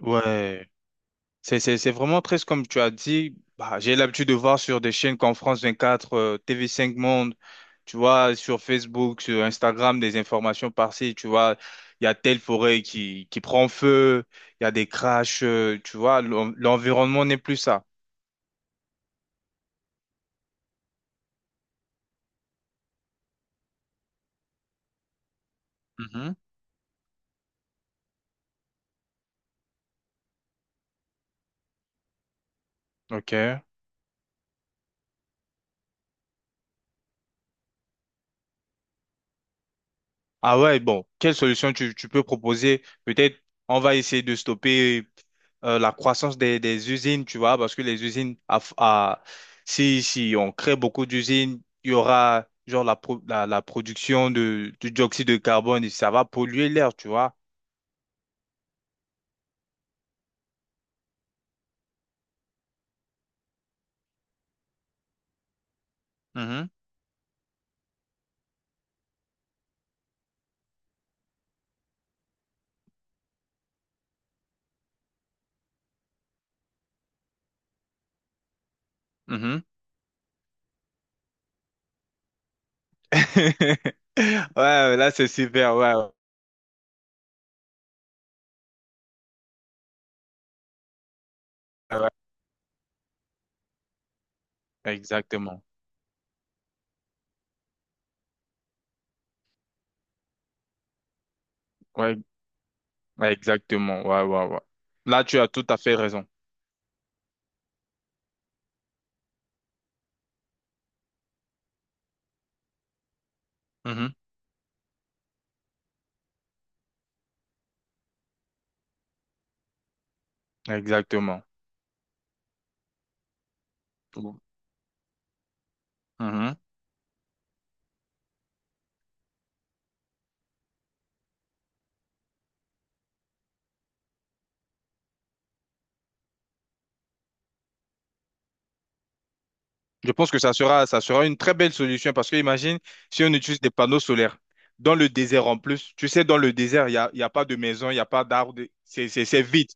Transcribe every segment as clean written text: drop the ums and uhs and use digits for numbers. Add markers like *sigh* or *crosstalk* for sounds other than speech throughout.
Ouais, c'est vraiment triste comme tu as dit. Bah, j'ai l'habitude de voir sur des chaînes comme France 24, TV5 Monde, tu vois, sur Facebook, sur Instagram, des informations par-ci, tu vois, il y a telle forêt qui prend feu, il y a des crashs, tu vois, l'environnement n'est plus ça. Mhm. OK. Ah ouais, bon, quelle solution tu peux proposer? Peut-être on va essayer de stopper la croissance des usines, tu vois, parce que les usines, si on crée beaucoup d'usines, il y aura genre la production du dioxyde de carbone et ça va polluer l'air, tu vois. Mhm, mhm. *laughs* Ouais, là c'est super, ouais, ouais, ouais. Exactement. Ouais, ouais, exactement, ouais, ouais, ouais. Là tu as tout à fait raison. Mhm. Exactement. Mhm. Je pense que ça sera une très belle solution parce que imagine si on utilise des panneaux solaires dans le désert en plus. Tu sais, dans le désert, il y a pas de maison, il n'y a pas d'arbres, c'est vide.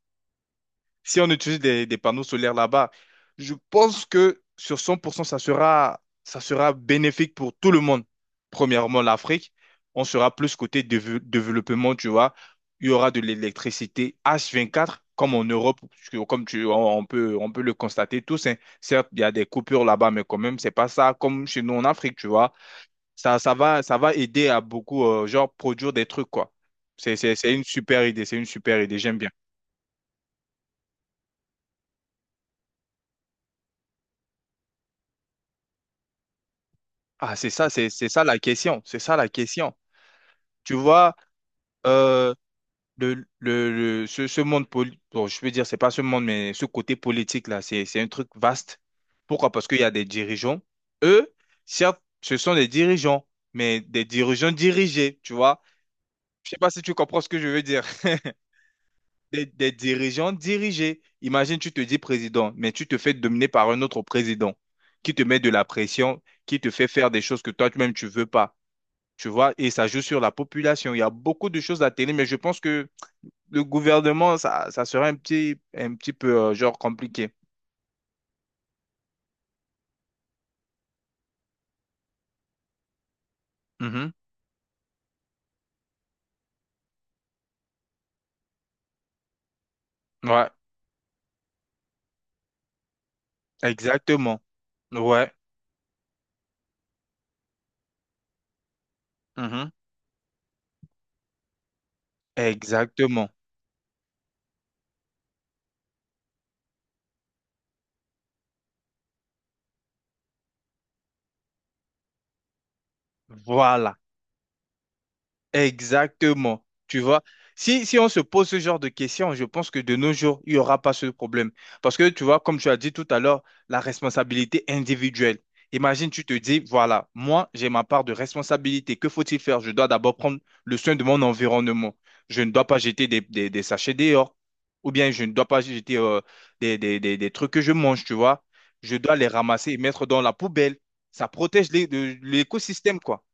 Si on utilise des panneaux solaires là-bas, je pense que sur 100%, ça sera bénéfique pour tout le monde. Premièrement, l'Afrique, on sera plus côté développement, tu vois. Il y aura de l'électricité H24, comme en Europe, parce que comme tu, on peut le constater tous, hein. Certes, il y a des coupures là-bas, mais quand même, c'est pas ça comme chez nous en Afrique, tu vois. Ça va aider à beaucoup, genre, produire des trucs, quoi. C'est une super idée, c'est une super idée, j'aime bien. Ah, c'est ça, c'est ça la question. C'est ça la question. Tu vois, euh, le, le, ce monde, bon, je peux dire, c'est pas ce monde, mais ce côté politique-là, c'est un truc vaste. Pourquoi? Parce qu'il y a des dirigeants. Eux, certes, ce sont des dirigeants, mais des dirigeants dirigés, tu vois. Je sais pas si tu comprends ce que je veux dire. *laughs* Des dirigeants dirigés. Imagine, tu te dis président, mais tu te fais dominer par un autre président qui te met de la pression, qui te fait faire des choses que toi-même tu veux pas. Tu vois, et ça joue sur la population. Il y a beaucoup de choses à télé, mais je pense que le gouvernement, ça serait un petit peu, genre, compliqué. Mhm. Ouais, exactement. Ouais. Mhm. Exactement. Voilà. Exactement. Tu vois, si on se pose ce genre de questions, je pense que de nos jours, il n'y aura pas ce problème. Parce que, tu vois, comme tu as dit tout à l'heure, la responsabilité individuelle. Imagine, tu te dis, voilà, moi, j'ai ma part de responsabilité. Que faut-il faire? Je dois d'abord prendre le soin de mon environnement. Je ne dois pas jeter des sachets dehors. Ou bien, je ne dois pas jeter des trucs que je mange, tu vois. Je dois les ramasser et mettre dans la poubelle. Ça protège l'écosystème, quoi.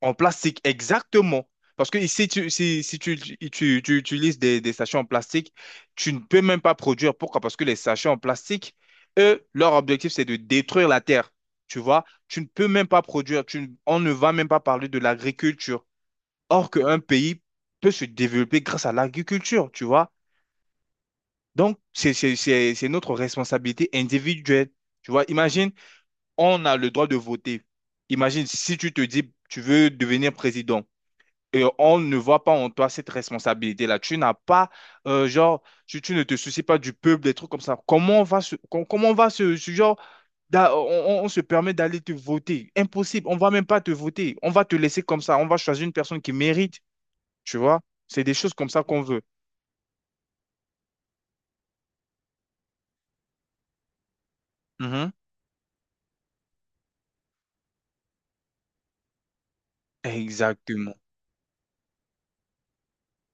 En plastique, exactement. Parce que si tu, si, si tu, tu, tu- tu utilises des sachets en plastique, tu ne peux même pas produire. Pourquoi? Parce que les sachets en plastique, eux, leur objectif, c'est de détruire la terre. Tu vois, tu ne peux même pas produire. Tu, ne- on ne va même pas parler de l'agriculture. Or qu'un pays peut se développer grâce à l'agriculture, tu vois. Donc, c'est notre responsabilité individuelle. Tu vois, imagine, on a le droit de voter. Imagine si tu te dis, tu veux devenir président. Et on ne voit pas en toi cette responsabilité-là. Tu n'as pas, genre, tu ne te soucies pas du peuple, des trucs comme ça. Comment on va se, genre, on se permet d'aller te voter? Impossible. On va même pas te voter. On va te laisser comme ça. On va choisir une personne qui mérite. Tu vois? C'est des choses comme ça qu'on veut. Mhm. Exactement.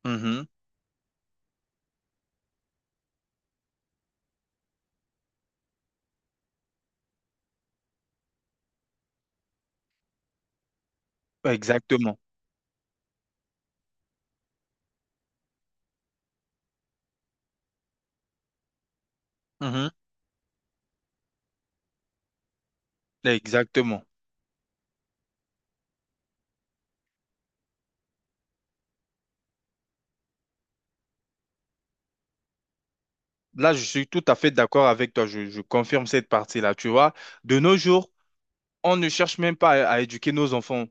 Mhm. Exactement. Mhm. Exactement. Là, je suis tout à fait d'accord avec toi. Je confirme cette partie-là. Tu vois, de nos jours, on ne cherche même pas à éduquer nos enfants.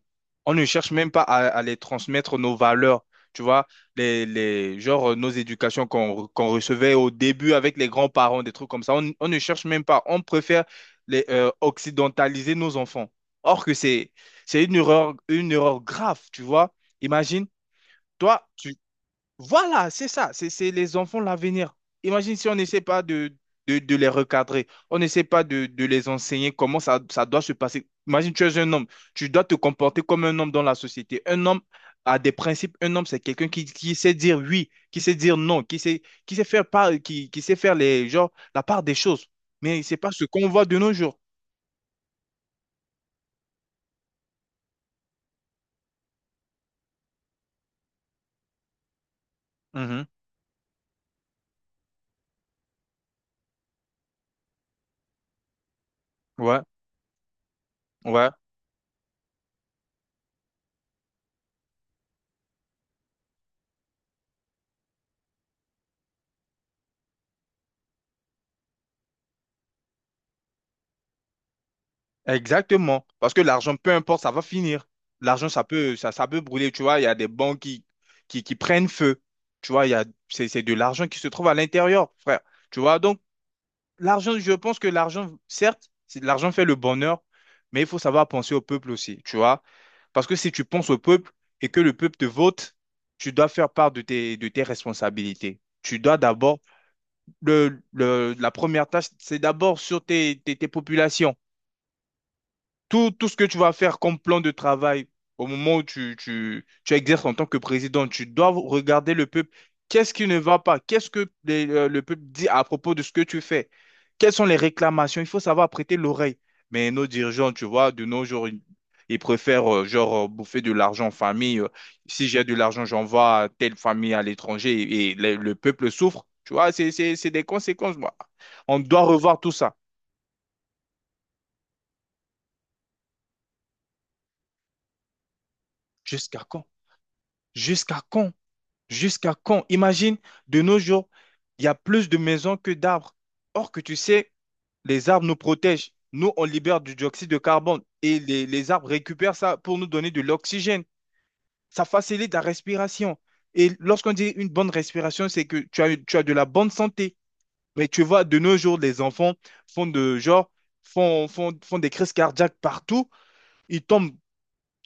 On ne cherche même pas à les transmettre nos valeurs. Tu vois, genre nos éducations qu'on recevait au début avec les grands-parents, des trucs comme ça. On ne cherche même pas. On préfère les, occidentaliser nos enfants. Or que c'est une erreur grave, tu vois. Imagine, toi, voilà, c'est ça, c'est les enfants l'avenir. Imagine si on n'essaie pas de les recadrer, on n'essaie pas de les enseigner comment ça, ça doit se passer. Imagine, tu es un homme, tu dois te comporter comme un homme dans la société. Un homme a des principes, un homme, c'est quelqu'un qui sait dire oui, qui sait dire non, qui sait faire, part, qui sait faire les, genre, la part des choses. Mais c'est pas ce qu'on voit de nos jours. Mhm. Ouais, ouais, exactement. Parce que l'argent, peu importe, ça va finir. L'argent, ça peut brûler, tu vois. Il y a des banques qui prennent feu. Tu vois, il y a, c'est de l'argent qui se trouve à l'intérieur, frère. Tu vois, donc, l'argent, je pense que l'argent, certes, l'argent fait le bonheur, mais il faut savoir penser au peuple aussi, tu vois. Parce que si tu penses au peuple et que le peuple te vote, tu dois faire part de tes responsabilités. Tu dois d'abord, la première tâche, c'est d'abord sur tes populations. Tout ce que tu vas faire comme plan de travail au moment où tu exerces en tant que président, tu dois regarder le peuple. Qu'est-ce qui ne va pas? Qu'est-ce que le peuple dit à propos de ce que tu fais? Quelles sont les réclamations? Il faut savoir prêter l'oreille. Mais nos dirigeants, tu vois, de nos jours, ils préfèrent genre bouffer de l'argent en famille. Si j'ai de l'argent, j'envoie à telle famille à l'étranger et, le peuple souffre. Tu vois, c'est des conséquences. Moi. On doit revoir tout ça. Jusqu'à quand? Jusqu'à quand? Jusqu'à quand? Imagine, de nos jours, il y a plus de maisons que d'arbres. Or que tu sais, les arbres nous protègent. Nous, on libère du dioxyde de carbone et les arbres récupèrent ça pour nous donner de l'oxygène. Ça facilite la respiration. Et lorsqu'on dit une bonne respiration, c'est que tu as de la bonne santé. Mais tu vois, de nos jours, les enfants font de genre, font, font, font des crises cardiaques partout. Ils tombent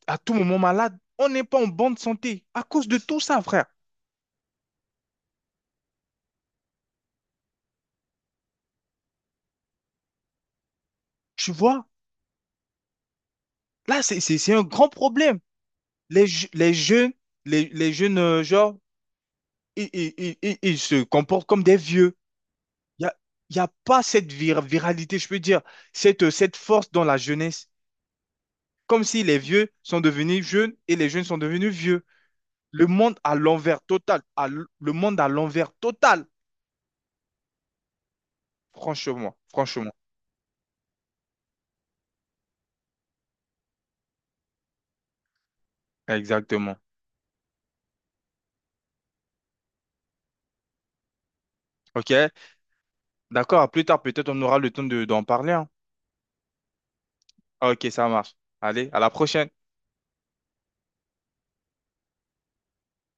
à tout moment malades. On n'est pas en bonne santé à cause de tout ça, frère. Tu vois? Là, c'est un grand problème. Les, je- les jeunes, genre, ils se comportent comme des vieux. Il n'y a, y a pas cette viralité, je peux dire, cette force dans la jeunesse. Comme si les vieux sont devenus jeunes et les jeunes sont devenus vieux. Le monde à l'envers total. Le monde à l'envers total. Franchement, franchement. Exactement. OK? D'accord, à plus tard, peut-être on aura le temps d'en parler, hein. OK, ça marche. Allez, à la prochaine.